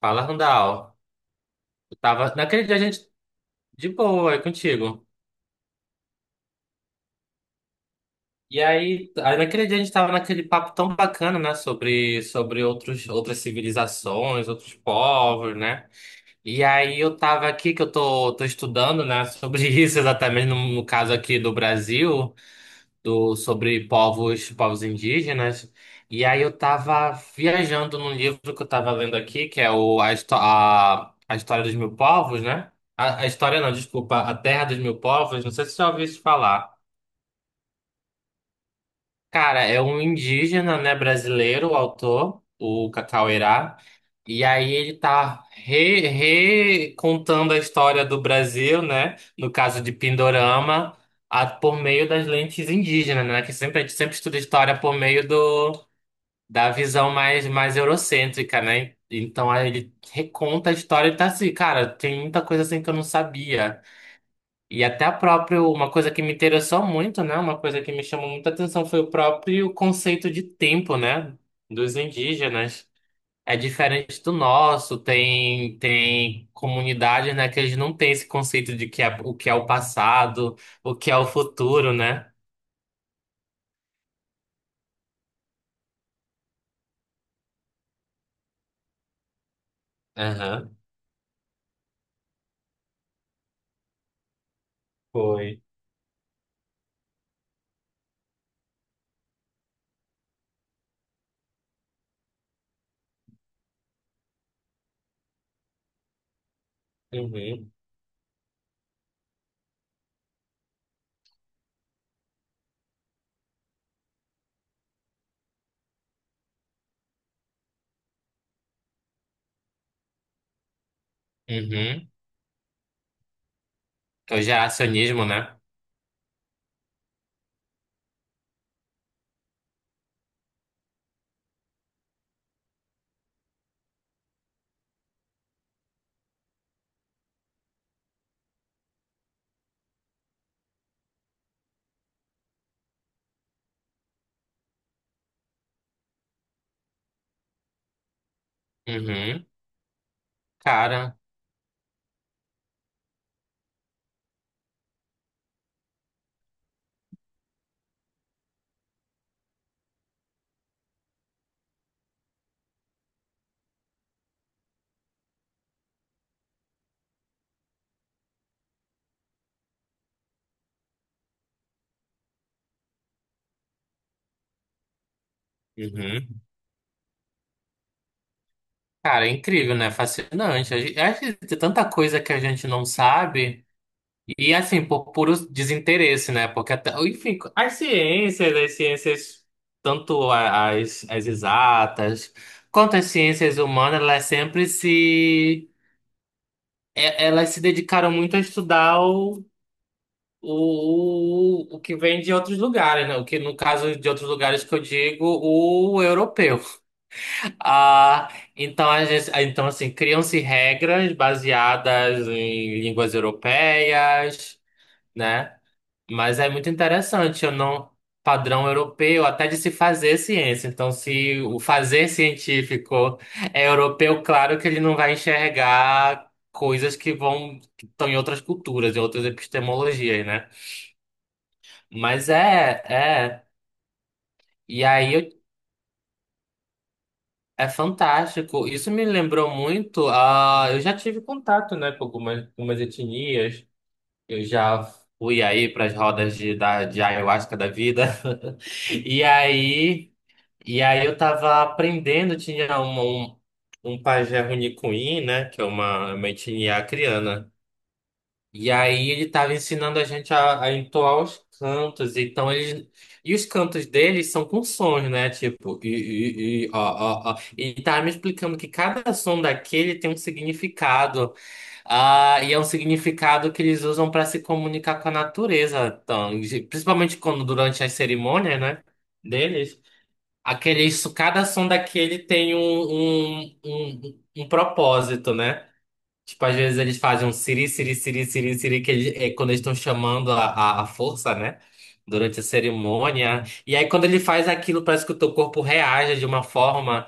Fala, Randall. Eu tava... Naquele dia a gente... De boa, é contigo. E aí, naquele dia a gente tava naquele papo tão bacana, né? Sobre outros, outras civilizações, outros povos, né? E aí eu tava aqui, que eu tô estudando, né? Sobre isso exatamente, no caso aqui do Brasil. Do, sobre povos indígenas. E aí eu tava viajando num livro que eu tava lendo aqui, que é a, História dos Mil Povos, né? A História não, desculpa, A Terra dos Mil Povos, não sei se você já ouviu isso falar. Cara, é um indígena, né, brasileiro, o autor, o Cacauerá. E aí ele recontando a história do Brasil, né, no caso de Pindorama, por meio das lentes indígenas, né, que sempre a gente sempre estuda história por meio do, da visão mais eurocêntrica, né? Então aí ele reconta a história e tá assim, cara, tem muita coisa assim que eu não sabia. E até a próprio, uma coisa que me interessou muito, né? Uma coisa que me chamou muita atenção foi o próprio conceito de tempo, né? Dos indígenas. É diferente do nosso, tem comunidades, né, que eles não têm esse conceito de que é o passado, o que é o futuro, né? Aham, foi. Uhum. Uhum. Que É o geracionismo, né? Uhum. Cara. Uhum. Cara, é incrível, né? Fascinante. A gente- Acho que tem tanta coisa que a gente não sabe. E assim, por puro desinteresse, né? Porque até, enfim, as ciências, tanto as, as exatas, quanto as ciências humanas, elas sempre se. É- Elas se dedicaram muito a estudar o, o que vem de outros lugares, né? O que, no caso de outros lugares que eu digo, o europeu. Ah, então, a gente, então, assim, criam-se regras baseadas em línguas europeias. Né? Mas é muito interessante, eu não padrão europeu até de se fazer ciência. Então, se o fazer científico é europeu, claro que ele não vai enxergar coisas que vão que estão em outras culturas, em outras epistemologias, né? Mas é. E aí eu- é fantástico. Isso me lembrou muito. Ah, eu já tive contato, né, com algumas etnias. Eu já fui aí para as rodas de, de ayahuasca da vida. E aí E aí eu tava aprendendo, tinha um um pajé Runicuí, né? Que é uma etnia acriana. E aí ele tava ensinando a gente a entoar os cantos. Então eles. E os cantos deles são com sons, né? Tipo, i, i, i, ó, ó, ó. E ele tava me explicando que cada som daquele tem um significado. Ah, e é um significado que eles usam para se comunicar com a natureza. Então, principalmente quando durante as cerimônias, né? Deles. Aquele, isso, cada som daquele tem um propósito, né? Tipo, às vezes eles fazem um siri, siri, siri, siri, siri, que é quando eles estão chamando a força, né? Durante a cerimônia. E aí, quando ele faz aquilo, parece que o teu corpo reage de uma forma.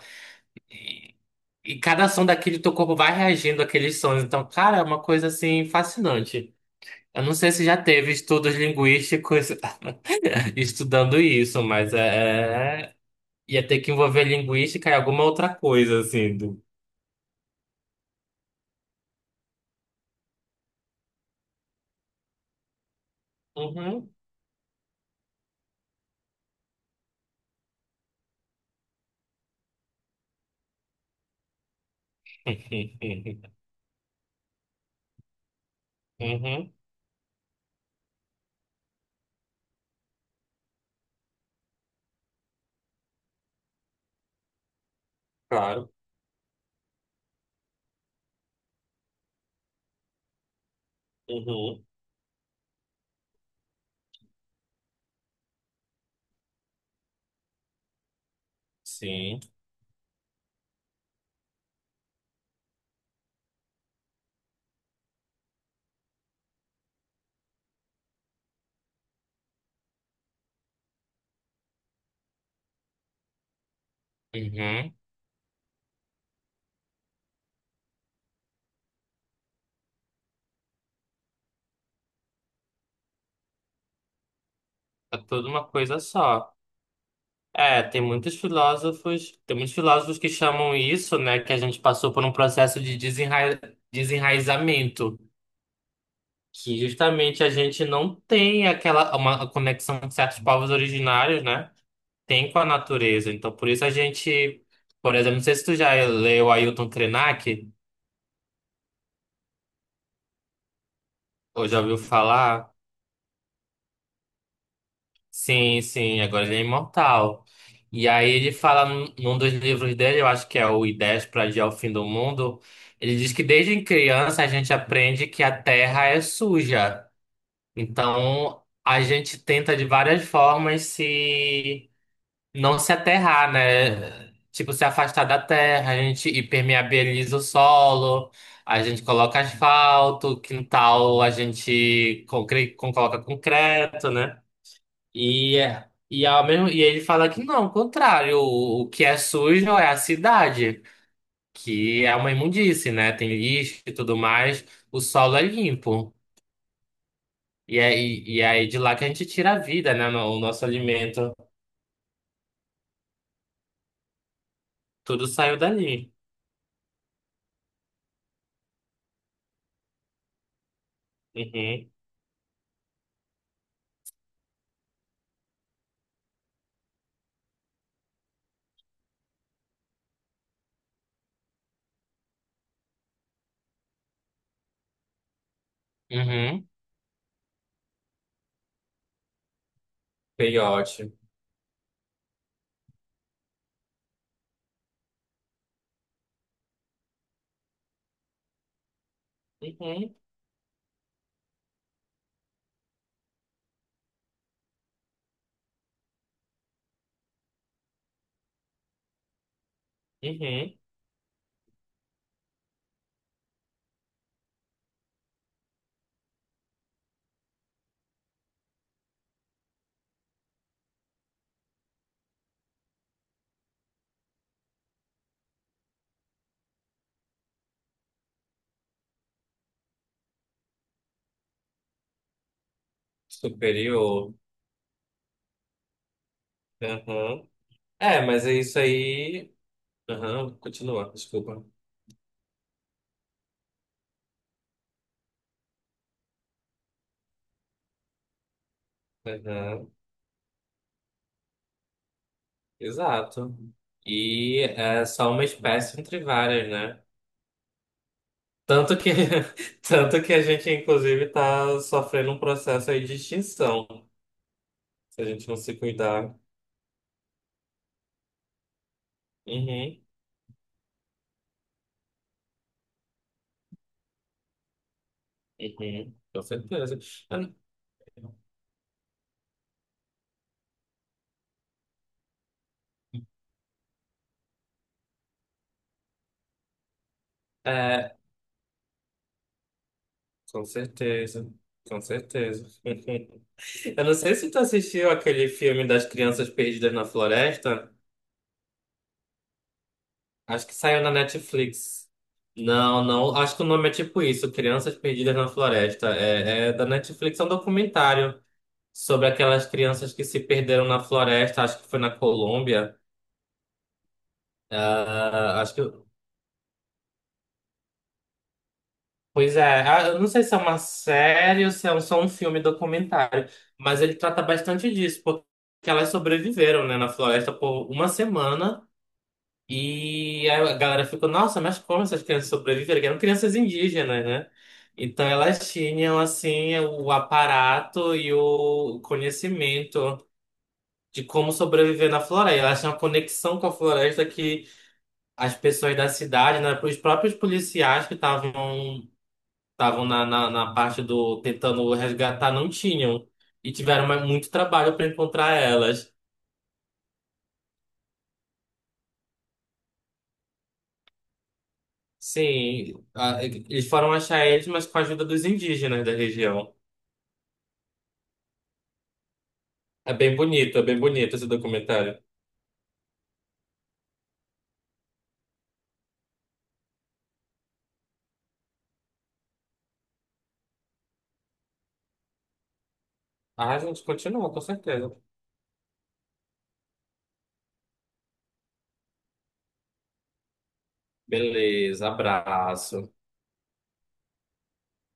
E, e cada som daquele, teu corpo vai reagindo àqueles sons. Então, cara, é uma coisa, assim, fascinante. Eu não sei se já teve estudos linguísticos estudando isso, mas é, Ia ter que envolver linguística e alguma outra coisa, assim. Do... Uhum. Uhum, claro. Uhum, sim. Uhum. É tudo uma coisa só. É, tem muitos filósofos que chamam isso, né, que a gente passou por um processo de desenraizamento, que justamente a gente não tem aquela uma conexão que certos povos originários, né, tem com a natureza. Então, por isso a gente, por exemplo, não sei se tu já leu Ailton Krenak, Ou já ouviu falar? Sim, sim, agora ele é imortal. E aí ele fala num dos livros dele, eu acho que é o Ideias para Adiar o Fim do Mundo, ele diz que desde criança a gente aprende que a Terra é suja. Então a gente tenta de várias formas se não se aterrar, né? Tipo, se afastar da terra, a gente impermeabiliza o solo, a gente coloca asfalto, quintal, a gente coloca concreto, né? E, ao mesmo, e ele fala que não, o contrário, o que é sujo é a cidade, que é uma imundície, né? Tem lixo e tudo mais, o solo é limpo. E aí de lá que a gente tira a vida, né? O nosso alimento, tudo saiu dali. Uhum, uhum. Peiote. Uhum, uhum. Superior. Uhum. É, mas é isso aí. Aham, continua, desculpa. Aham. Exato. E é só uma espécie entre várias, né? Tanto que, tanto que a gente, inclusive, tá sofrendo um processo aí de extinção, se a gente não se cuidar. Uhum, uhum, com certeza. É, com certeza, com certeza. Eu não sei se tu assistiu aquele filme das crianças perdidas na floresta. Acho que saiu na Netflix. Não, não. Acho que o nome é tipo isso, Crianças Perdidas na Floresta. É, é da Netflix, é um documentário sobre aquelas crianças que se perderam na floresta. Acho que foi na Colômbia. Ah, acho que. Pois é. Ah, eu não sei se é uma série ou se é só um filme documentário, mas ele trata bastante disso, porque elas sobreviveram, né, na floresta por uma semana. E aí a galera ficou, nossa, mas como essas crianças sobreviveram? Que eram crianças indígenas, né? Então elas tinham, assim, o aparato e o conhecimento de como sobreviver na floresta. Elas tinham uma conexão com a floresta que as pessoas da cidade, né? Os próprios policiais que estavam estavam na parte do tentando resgatar não tinham. E tiveram muito trabalho para encontrar elas. Sim, eles foram achar eles, mas com a ajuda dos indígenas da região. É bem bonito esse documentário. Ah, a gente continua, com certeza. Beleza, abraço.